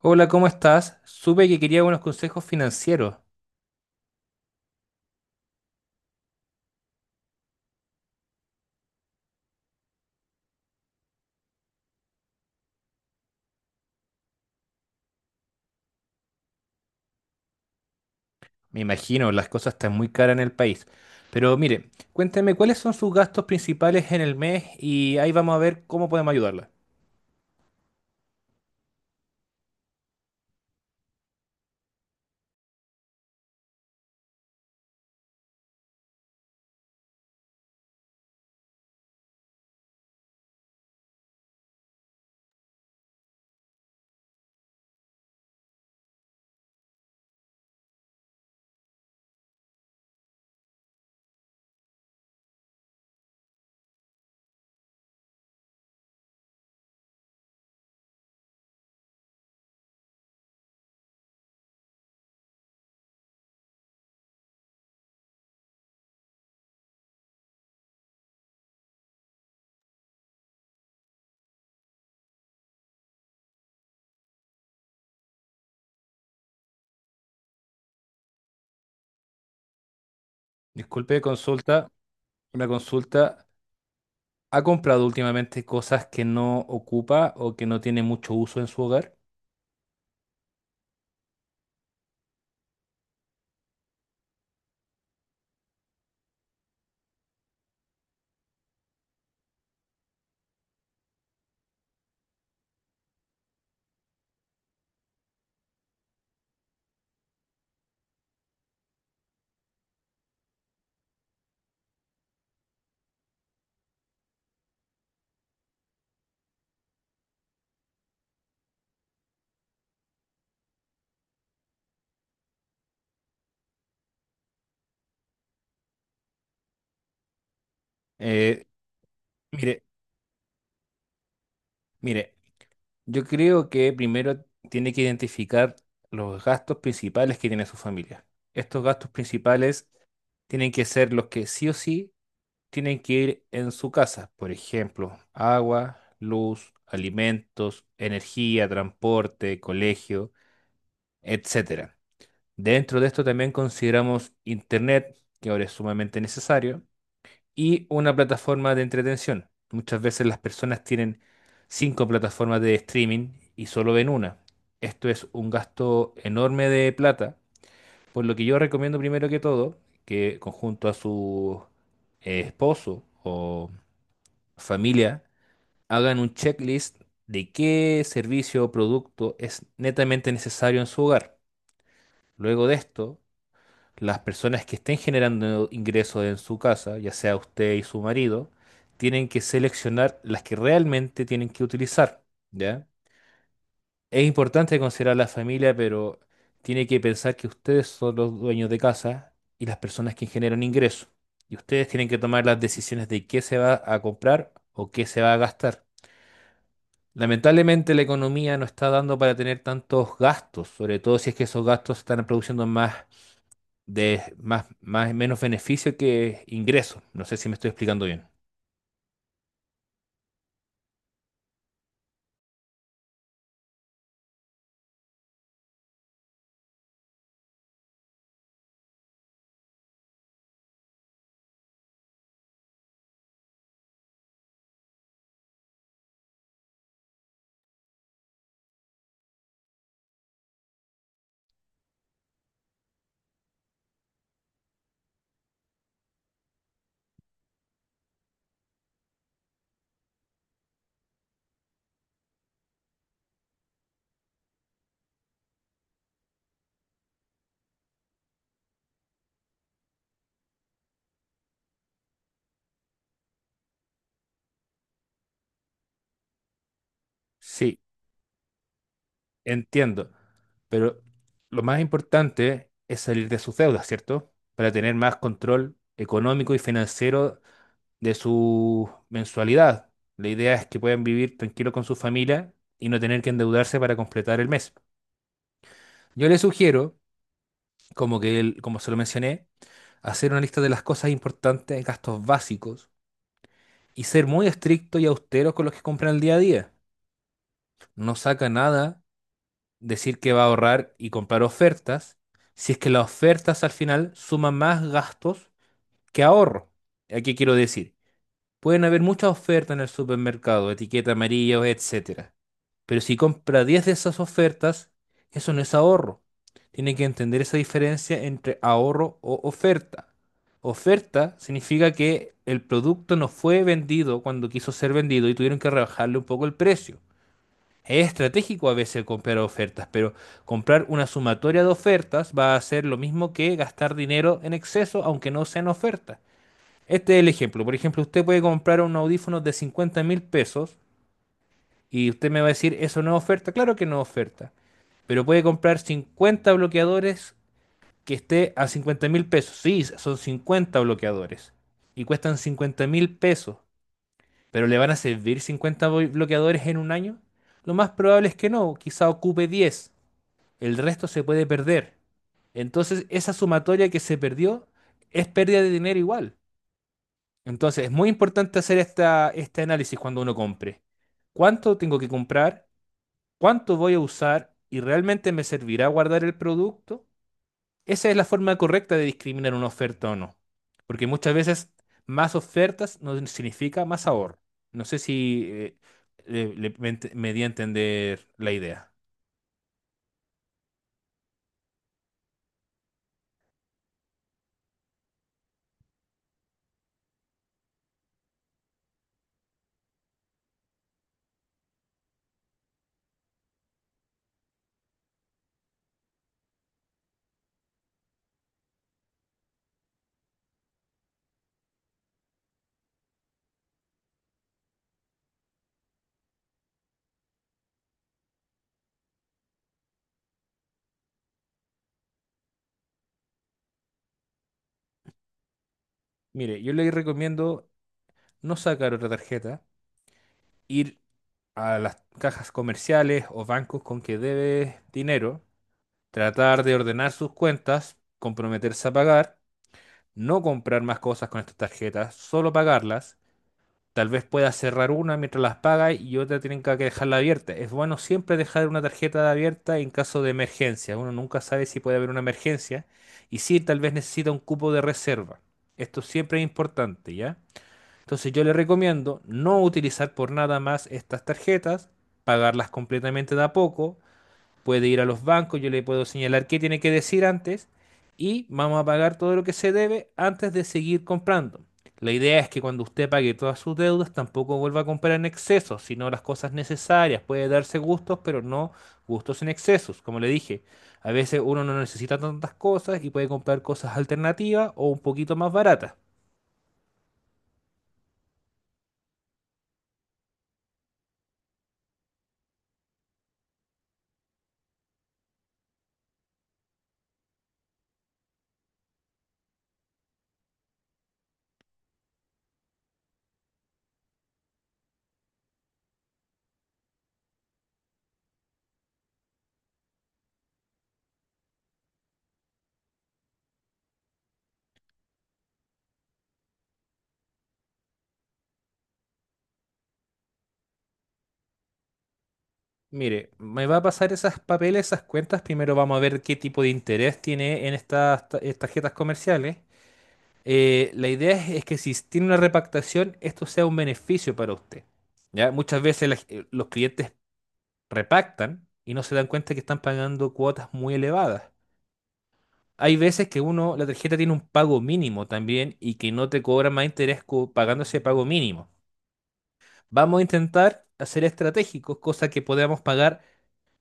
Hola, ¿cómo estás? Supe que quería unos consejos financieros. Me imagino, las cosas están muy caras en el país. Pero mire, cuénteme cuáles son sus gastos principales en el mes y ahí vamos a ver cómo podemos ayudarla. Disculpe, consulta, una consulta. ¿Ha comprado últimamente cosas que no ocupa o que no tiene mucho uso en su hogar? Eh, mire, mire, yo creo que primero tiene que identificar los gastos principales que tiene su familia. Estos gastos principales tienen que ser los que sí o sí tienen que ir en su casa. Por ejemplo, agua, luz, alimentos, energía, transporte, colegio, etcétera. Dentro de esto también consideramos internet, que ahora es sumamente necesario, y una plataforma de entretención. Muchas veces las personas tienen cinco plataformas de streaming y solo ven una. Esto es un gasto enorme de plata, por lo que yo recomiendo primero que todo que conjunto a su esposo o familia hagan un checklist de qué servicio o producto es netamente necesario en su hogar. Luego de esto, las personas que estén generando ingresos en su casa, ya sea usted y su marido, tienen que seleccionar las que realmente tienen que utilizar, ¿ya? Es importante considerar la familia, pero tiene que pensar que ustedes son los dueños de casa y las personas que generan ingresos. Y ustedes tienen que tomar las decisiones de qué se va a comprar o qué se va a gastar. Lamentablemente la economía no está dando para tener tantos gastos, sobre todo si es que esos gastos están produciendo más de más, más menos beneficio que ingreso. No sé si me estoy explicando bien. Sí, entiendo, pero lo más importante es salir de sus deudas, ¿cierto? Para tener más control económico y financiero de su mensualidad. La idea es que puedan vivir tranquilo con su familia y no tener que endeudarse para completar el mes. Yo le sugiero, como que como se lo mencioné, hacer una lista de las cosas importantes, gastos básicos y ser muy estricto y austero con los que compran el día a día. No saca nada decir que va a ahorrar y comprar ofertas, si es que las ofertas al final suman más gastos que ahorro. ¿A qué quiero decir? Pueden haber muchas ofertas en el supermercado, etiqueta amarillo, etcétera. Pero si compra 10 de esas ofertas, eso no es ahorro. Tiene que entender esa diferencia entre ahorro o oferta. Oferta significa que el producto no fue vendido cuando quiso ser vendido y tuvieron que rebajarle un poco el precio. Es estratégico a veces comprar ofertas, pero comprar una sumatoria de ofertas va a ser lo mismo que gastar dinero en exceso, aunque no sean ofertas. Este es el ejemplo. Por ejemplo, usted puede comprar un audífono de 50.000 pesos y usted me va a decir, ¿eso no es oferta? Claro que no es oferta. Pero puede comprar 50 bloqueadores que esté a 50.000 pesos. Sí, son 50 bloqueadores. Y cuestan 50.000 pesos. ¿Pero le van a servir 50 bloqueadores en un año? Lo más probable es que no, quizá ocupe 10. El resto se puede perder. Entonces, esa sumatoria que se perdió es pérdida de dinero igual. Entonces, es muy importante hacer este análisis cuando uno compre. ¿Cuánto tengo que comprar? ¿Cuánto voy a usar? ¿Y realmente me servirá guardar el producto? Esa es la forma correcta de discriminar una oferta o no. Porque muchas veces más ofertas no significa más ahorro. No sé si me di a entender la idea. Mire, yo le recomiendo no sacar otra tarjeta, ir a las cajas comerciales o bancos con que debe dinero, tratar de ordenar sus cuentas, comprometerse a pagar, no comprar más cosas con estas tarjetas, solo pagarlas. Tal vez puedas cerrar una mientras las pagas y otra tienen que dejarla abierta. Es bueno siempre dejar una tarjeta abierta en caso de emergencia. Uno nunca sabe si puede haber una emergencia y si tal vez necesita un cupo de reserva. Esto siempre es importante, ¿ya? Entonces yo le recomiendo no utilizar por nada más estas tarjetas, pagarlas completamente de a poco, puede ir a los bancos, yo le puedo señalar qué tiene que decir antes y vamos a pagar todo lo que se debe antes de seguir comprando. La idea es que cuando usted pague todas sus deudas tampoco vuelva a comprar en exceso, sino las cosas necesarias. Puede darse gustos, pero no gustos en excesos. Como le dije, a veces uno no necesita tantas cosas y puede comprar cosas alternativas o un poquito más baratas. Mire, me va a pasar esas papeles, esas cuentas. Primero vamos a ver qué tipo de interés tiene en estas tarjetas comerciales. La idea es que si tiene una repactación, esto sea un beneficio para usted. ¿Ya? Muchas veces los clientes repactan y no se dan cuenta que están pagando cuotas muy elevadas. Hay veces que uno, la tarjeta tiene un pago mínimo también y que no te cobra más interés pagando ese pago mínimo. Vamos a intentar hacer estratégicos, cosa que podamos pagar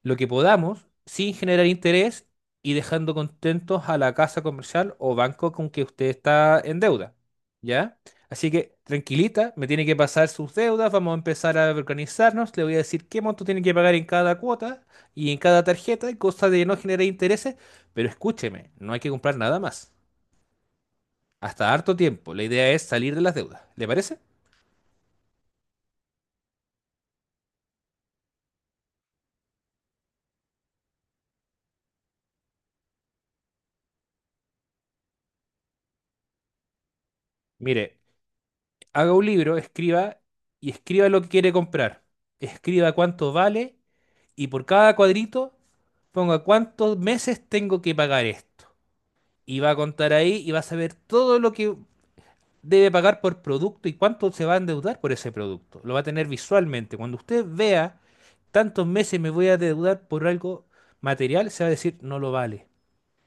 lo que podamos sin generar interés y dejando contentos a la casa comercial o banco con que usted está en deuda, ¿ya? Así que tranquilita, me tiene que pasar sus deudas, vamos a empezar a organizarnos, le voy a decir qué monto tiene que pagar en cada cuota y en cada tarjeta, cosa de no generar intereses, pero escúcheme, no hay que comprar nada más. Hasta harto tiempo, la idea es salir de las deudas, ¿le parece? Mire, haga un libro, escriba y escriba lo que quiere comprar. Escriba cuánto vale y por cada cuadrito ponga cuántos meses tengo que pagar esto. Y va a contar ahí y va a saber todo lo que debe pagar por producto y cuánto se va a endeudar por ese producto. Lo va a tener visualmente. Cuando usted vea tantos meses me voy a endeudar por algo material, se va a decir no lo vale.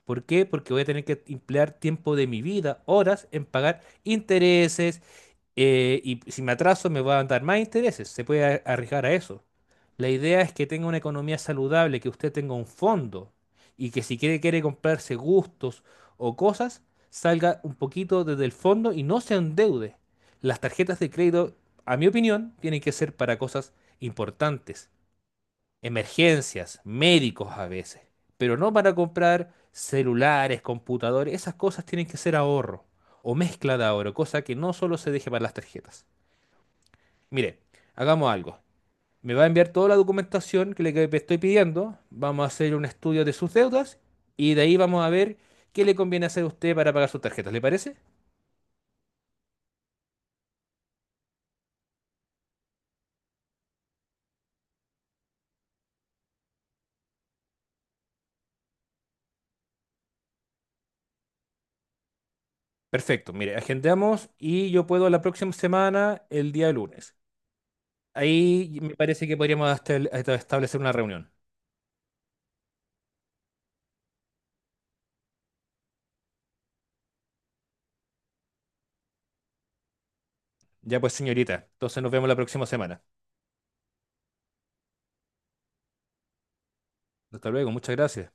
¿Por qué? Porque voy a tener que emplear tiempo de mi vida, horas, en pagar intereses y si me atraso me va a dar más intereses, se puede arriesgar a eso. La idea es que tenga una economía saludable, que usted tenga un fondo y que si quiere, quiere comprarse gustos o cosas, salga un poquito desde el fondo y no se endeude. Las tarjetas de crédito, a mi opinión, tienen que ser para cosas importantes, emergencias, médicos a veces, pero no para comprar celulares, computadores, esas cosas tienen que ser ahorro o mezcla de ahorro, cosa que no solo se deje para las tarjetas. Mire, hagamos algo. Me va a enviar toda la documentación que le que estoy pidiendo. Vamos a hacer un estudio de sus deudas y de ahí vamos a ver qué le conviene hacer a usted para pagar sus tarjetas. ¿Le parece? Perfecto. Mire, agendamos y yo puedo la próxima semana, el día lunes. Ahí me parece que podríamos hasta establecer una reunión. Ya pues, señorita. Entonces nos vemos la próxima semana. Hasta luego. Muchas gracias.